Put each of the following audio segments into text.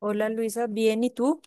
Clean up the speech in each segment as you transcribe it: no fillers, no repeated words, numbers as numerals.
Hola Luisa, bien, ¿y tú?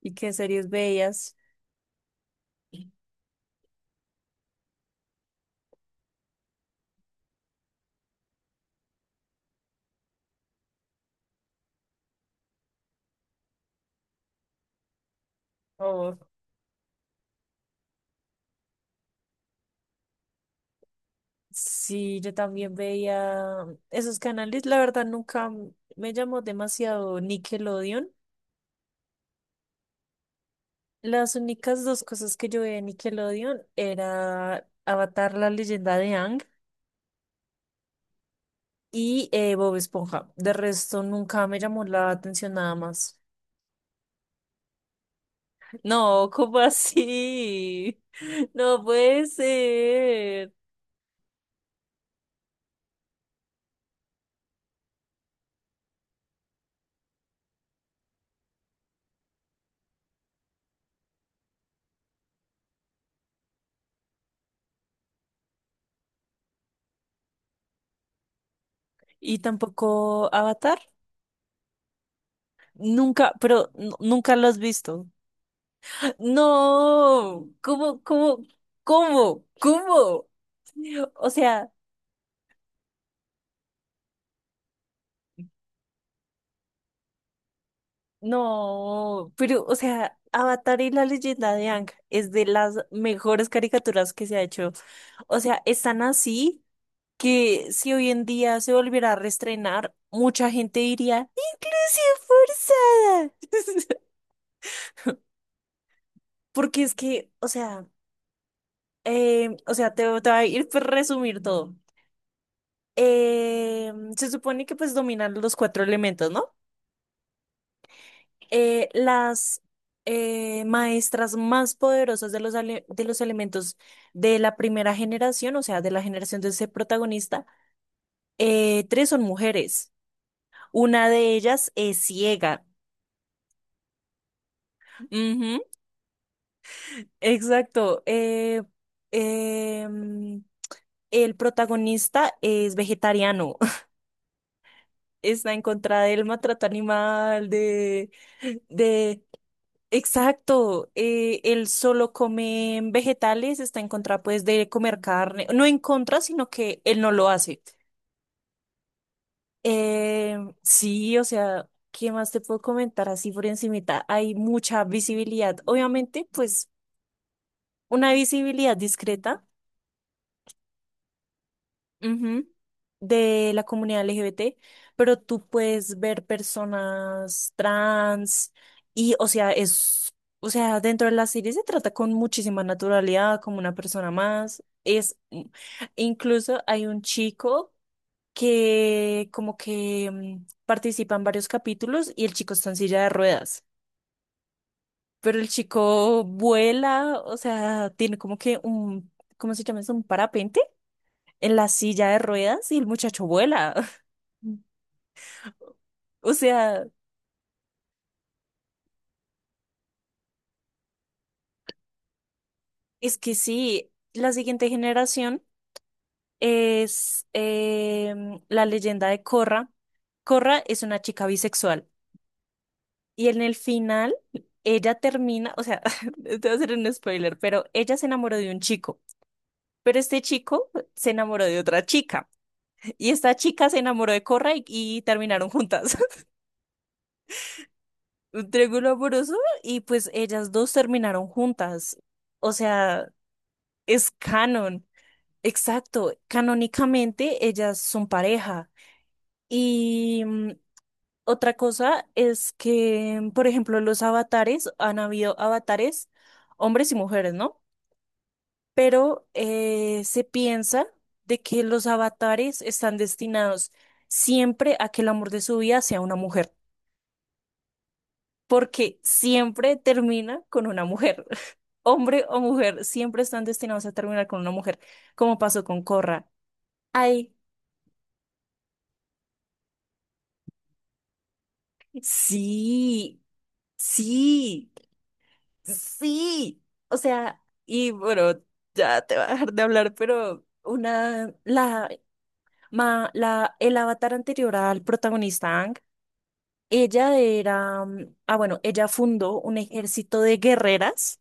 ¿Y qué series veías? Oh. Sí, yo también veía esos canales, la verdad nunca me llamó demasiado Nickelodeon. Las únicas dos cosas que yo veía en Nickelodeon era Avatar, la leyenda de Aang y Bob Esponja. De resto, nunca me llamó la atención nada más. No, ¿cómo así? No puede ser. Y tampoco Avatar. Nunca, pero nunca lo has visto. No, ¿cómo, cómo, cómo, cómo? O sea, no, pero, o sea, Avatar y la leyenda de Ang es de las mejores caricaturas que se ha hecho. O sea, están así, que si hoy en día se volviera a reestrenar, mucha gente diría, ¡ilusión forzada! Porque es que, o sea, te voy a ir por resumir todo. Se supone que pues dominan los cuatro elementos, ¿no? Las maestras más poderosas de de los elementos de la primera generación, o sea, de la generación de ese protagonista, tres son mujeres. Una de ellas es ciega. Ujú. Exacto. Em, el protagonista es vegetariano. Está en contra del maltrato animal, de, exacto. Él solo come vegetales, está en contra, pues, de comer carne. No en contra, sino que él no lo hace. Em, sí, o sea, ¿qué más te puedo comentar así por encimita? Hay mucha visibilidad. Obviamente, pues, una visibilidad discreta, ujú, de la comunidad LGBT, pero tú puedes ver personas trans y, o sea, es, o sea, dentro de la serie se trata con muchísima naturalidad, como una persona más. Es, incluso hay un chico que como que participa en varios capítulos y el chico está en silla de ruedas. Pero el chico vuela, o sea, tiene como que un, ¿cómo se llama eso? Un parapente en la silla de ruedas y el muchacho vuela. O sea, es que sí, la siguiente generación es la leyenda de Corra. Corra es una chica bisexual y en el final ella termina, o sea, te voy a hacer un spoiler, pero ella se enamoró de un chico, pero este chico se enamoró de otra chica y esta chica se enamoró de Corra y terminaron juntas. Un triángulo amoroso y pues ellas dos terminaron juntas. O sea, es canon. Exacto, canónicamente ellas son pareja. Y otra cosa es que, por ejemplo, han habido avatares, hombres y mujeres, ¿no? Pero se piensa de que los avatares están destinados siempre a que el amor de su vida sea una mujer, porque siempre termina con una mujer. Hombre o mujer, siempre están destinados a terminar con una mujer, como pasó con Corra. Ay, sí. Sí, sí. O sea, y bueno, ya te voy a dejar de hablar, pero una, la, ma, la, el avatar anterior al protagonista Aang, ella era, bueno, ella fundó un ejército de guerreras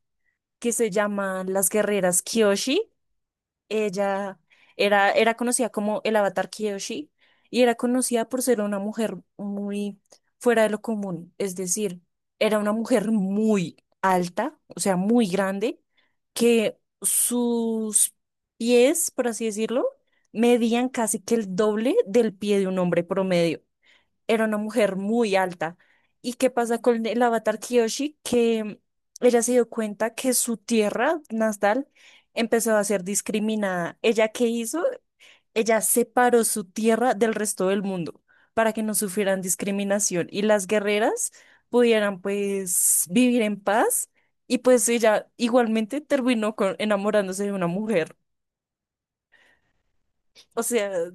que se llaman las guerreras Kyoshi. Ella era conocida como el Avatar Kiyoshi y era conocida por ser una mujer muy fuera de lo común. Es decir, era una mujer muy alta, o sea, muy grande, que sus pies, por así decirlo, medían casi que el doble del pie de un hombre promedio. Era una mujer muy alta. ¿Y qué pasa con el avatar Kiyoshi? Que ella se dio cuenta que su tierra natal empezó a ser discriminada. ¿Ella qué hizo? Ella separó su tierra del resto del mundo para que no sufrieran discriminación y las guerreras pudieran pues vivir en paz. Y pues ella igualmente terminó con, enamorándose de una mujer. O sea,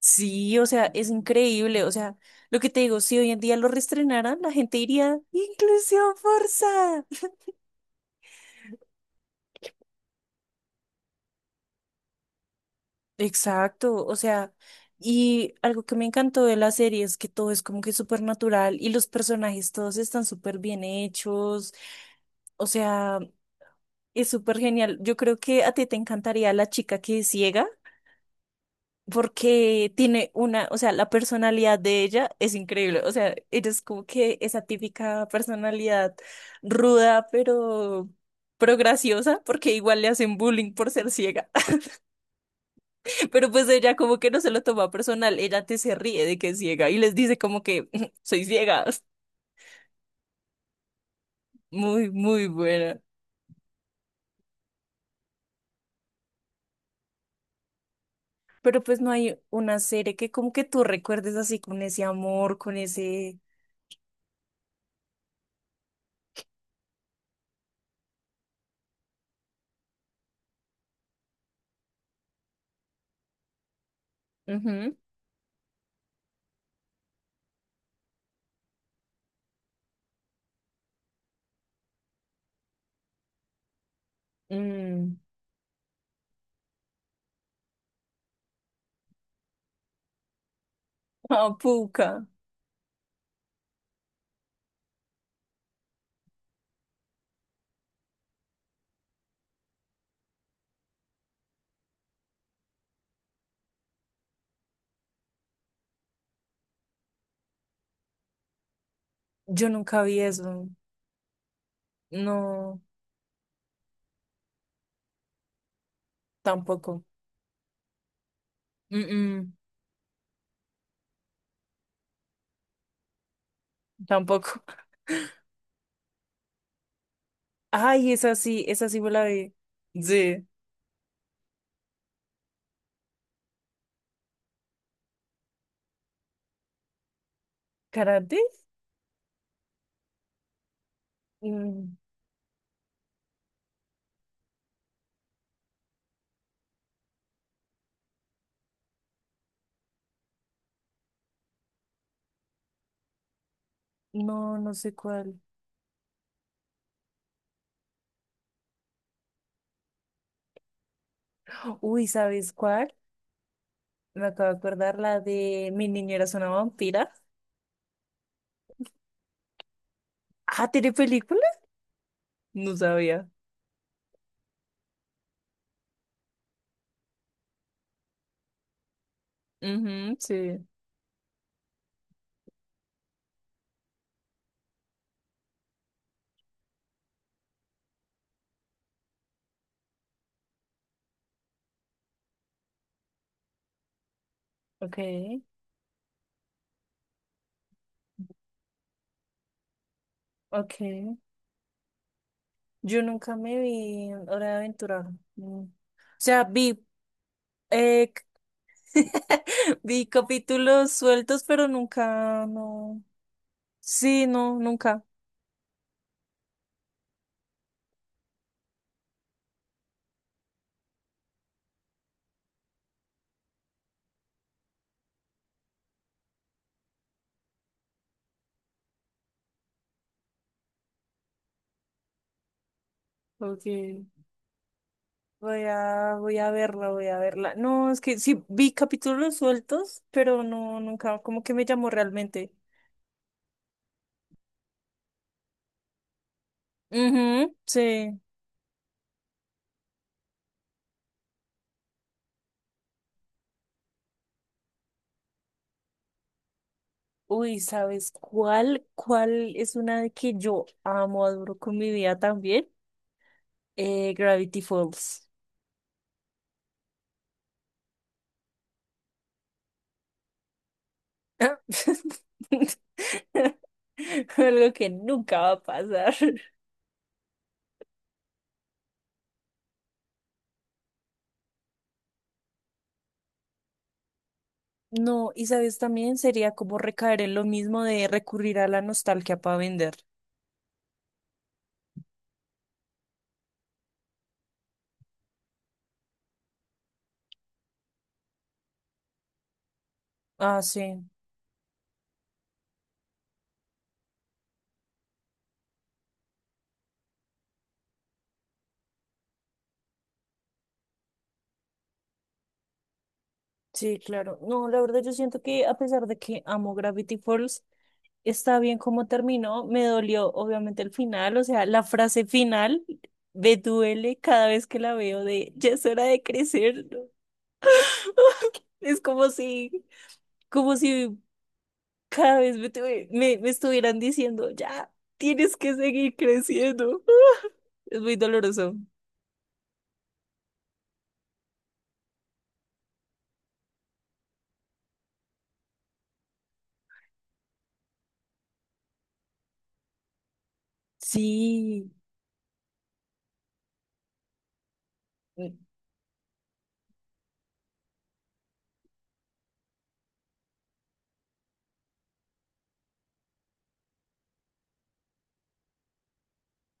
sí, o sea, es increíble. O sea, lo que te digo, si hoy en día lo reestrenaran, la gente diría, inclusión forzada. Exacto, o sea, y algo que me encantó de la serie es que todo es como que súper natural y los personajes todos están súper bien hechos. O sea, es súper genial. Yo creo que a ti te encantaría la chica que es ciega, porque tiene una, o sea, la personalidad de ella es increíble, o sea, ella es como que esa típica personalidad ruda, pero graciosa, porque igual le hacen bullying por ser ciega, pero pues ella como que no se lo toma personal, ella te se ríe de que es ciega y les dice como que soy ciega, muy, muy buena. Pero pues no hay una serie que como que tú recuerdes así con ese amor, con ese... Ujú. Mm. Ah, puca. Yo nunca vi eso. No, tampoco. Mm, mm, tampoco. Ay, esa sí me la vi. Sí. ¿Karate? Mm, no, no sé cuál. Uy, ¿sabes cuál? Me acabo de acordar la de Mi niñera es una vampira. Ah, ¿tiene película? No sabía. Ujú, sí. Ok, ok. Yo nunca me vi en Hora de Aventura. Mm. O sea, eh, vi capítulos sueltos, pero nunca, no. Sí, no, nunca. Porque voy a verla, voy a verla. No, es que sí, vi capítulos sueltos, pero no, nunca, como que me llamó realmente. Ujú, sí. Uy, ¿sabes cuál? ¿Cuál es una que yo amo, adoro con mi vida también? Gravity Falls. Algo que nunca va a pasar. No, y sabes, también sería como recaer en lo mismo de recurrir a la nostalgia para vender. Ah, sí, sí, claro. No, la verdad yo siento que a pesar de que amo Gravity Falls, está bien como terminó. Me dolió obviamente el final, o sea, la frase final me duele cada vez que la veo de ya es hora de crecer, ¿no? Es como si cada vez me estuvieran diciendo ya tienes que seguir creciendo. Es muy doloroso. Sí.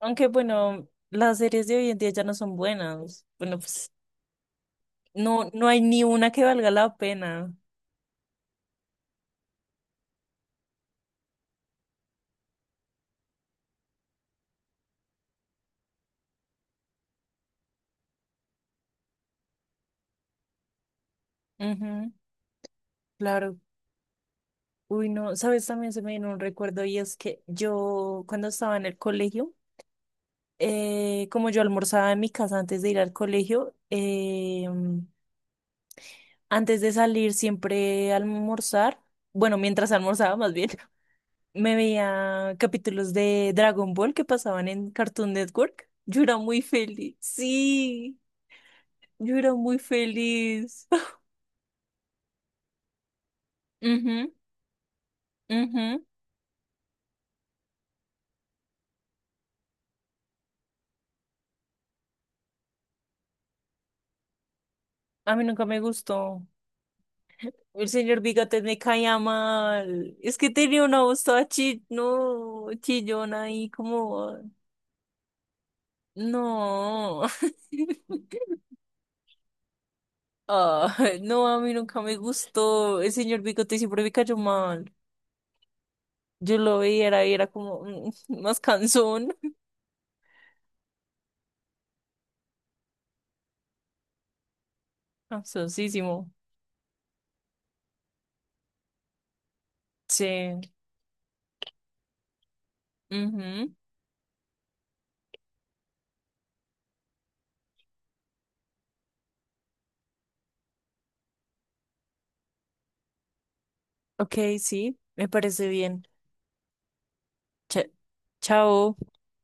Aunque bueno, las series de hoy en día ya no son buenas. Bueno, pues no, no hay ni una que valga la pena. Ujú, claro. Uy, no, sabes, también se me vino un recuerdo y es que yo cuando estaba en el colegio, como yo almorzaba en mi casa antes de ir al colegio, antes de salir siempre a almorzar, bueno, mientras almorzaba más bien, me veía capítulos de Dragon Ball que pasaban en Cartoon Network. Yo era muy feliz. Sí. Yo era muy feliz. Ujú, ujú. A mí nunca me gustó. El señor Bigate me caía mal. Es que tenía una voz toda no, chillona y como... No. Ah, no, a mí nunca me gustó. El señor Bigote siempre me cayó mal. Yo lo veía, era, y era como más cansón. Cansoncísimo. Sí. Ujú. Ok, sí, me parece bien. Cha- chao.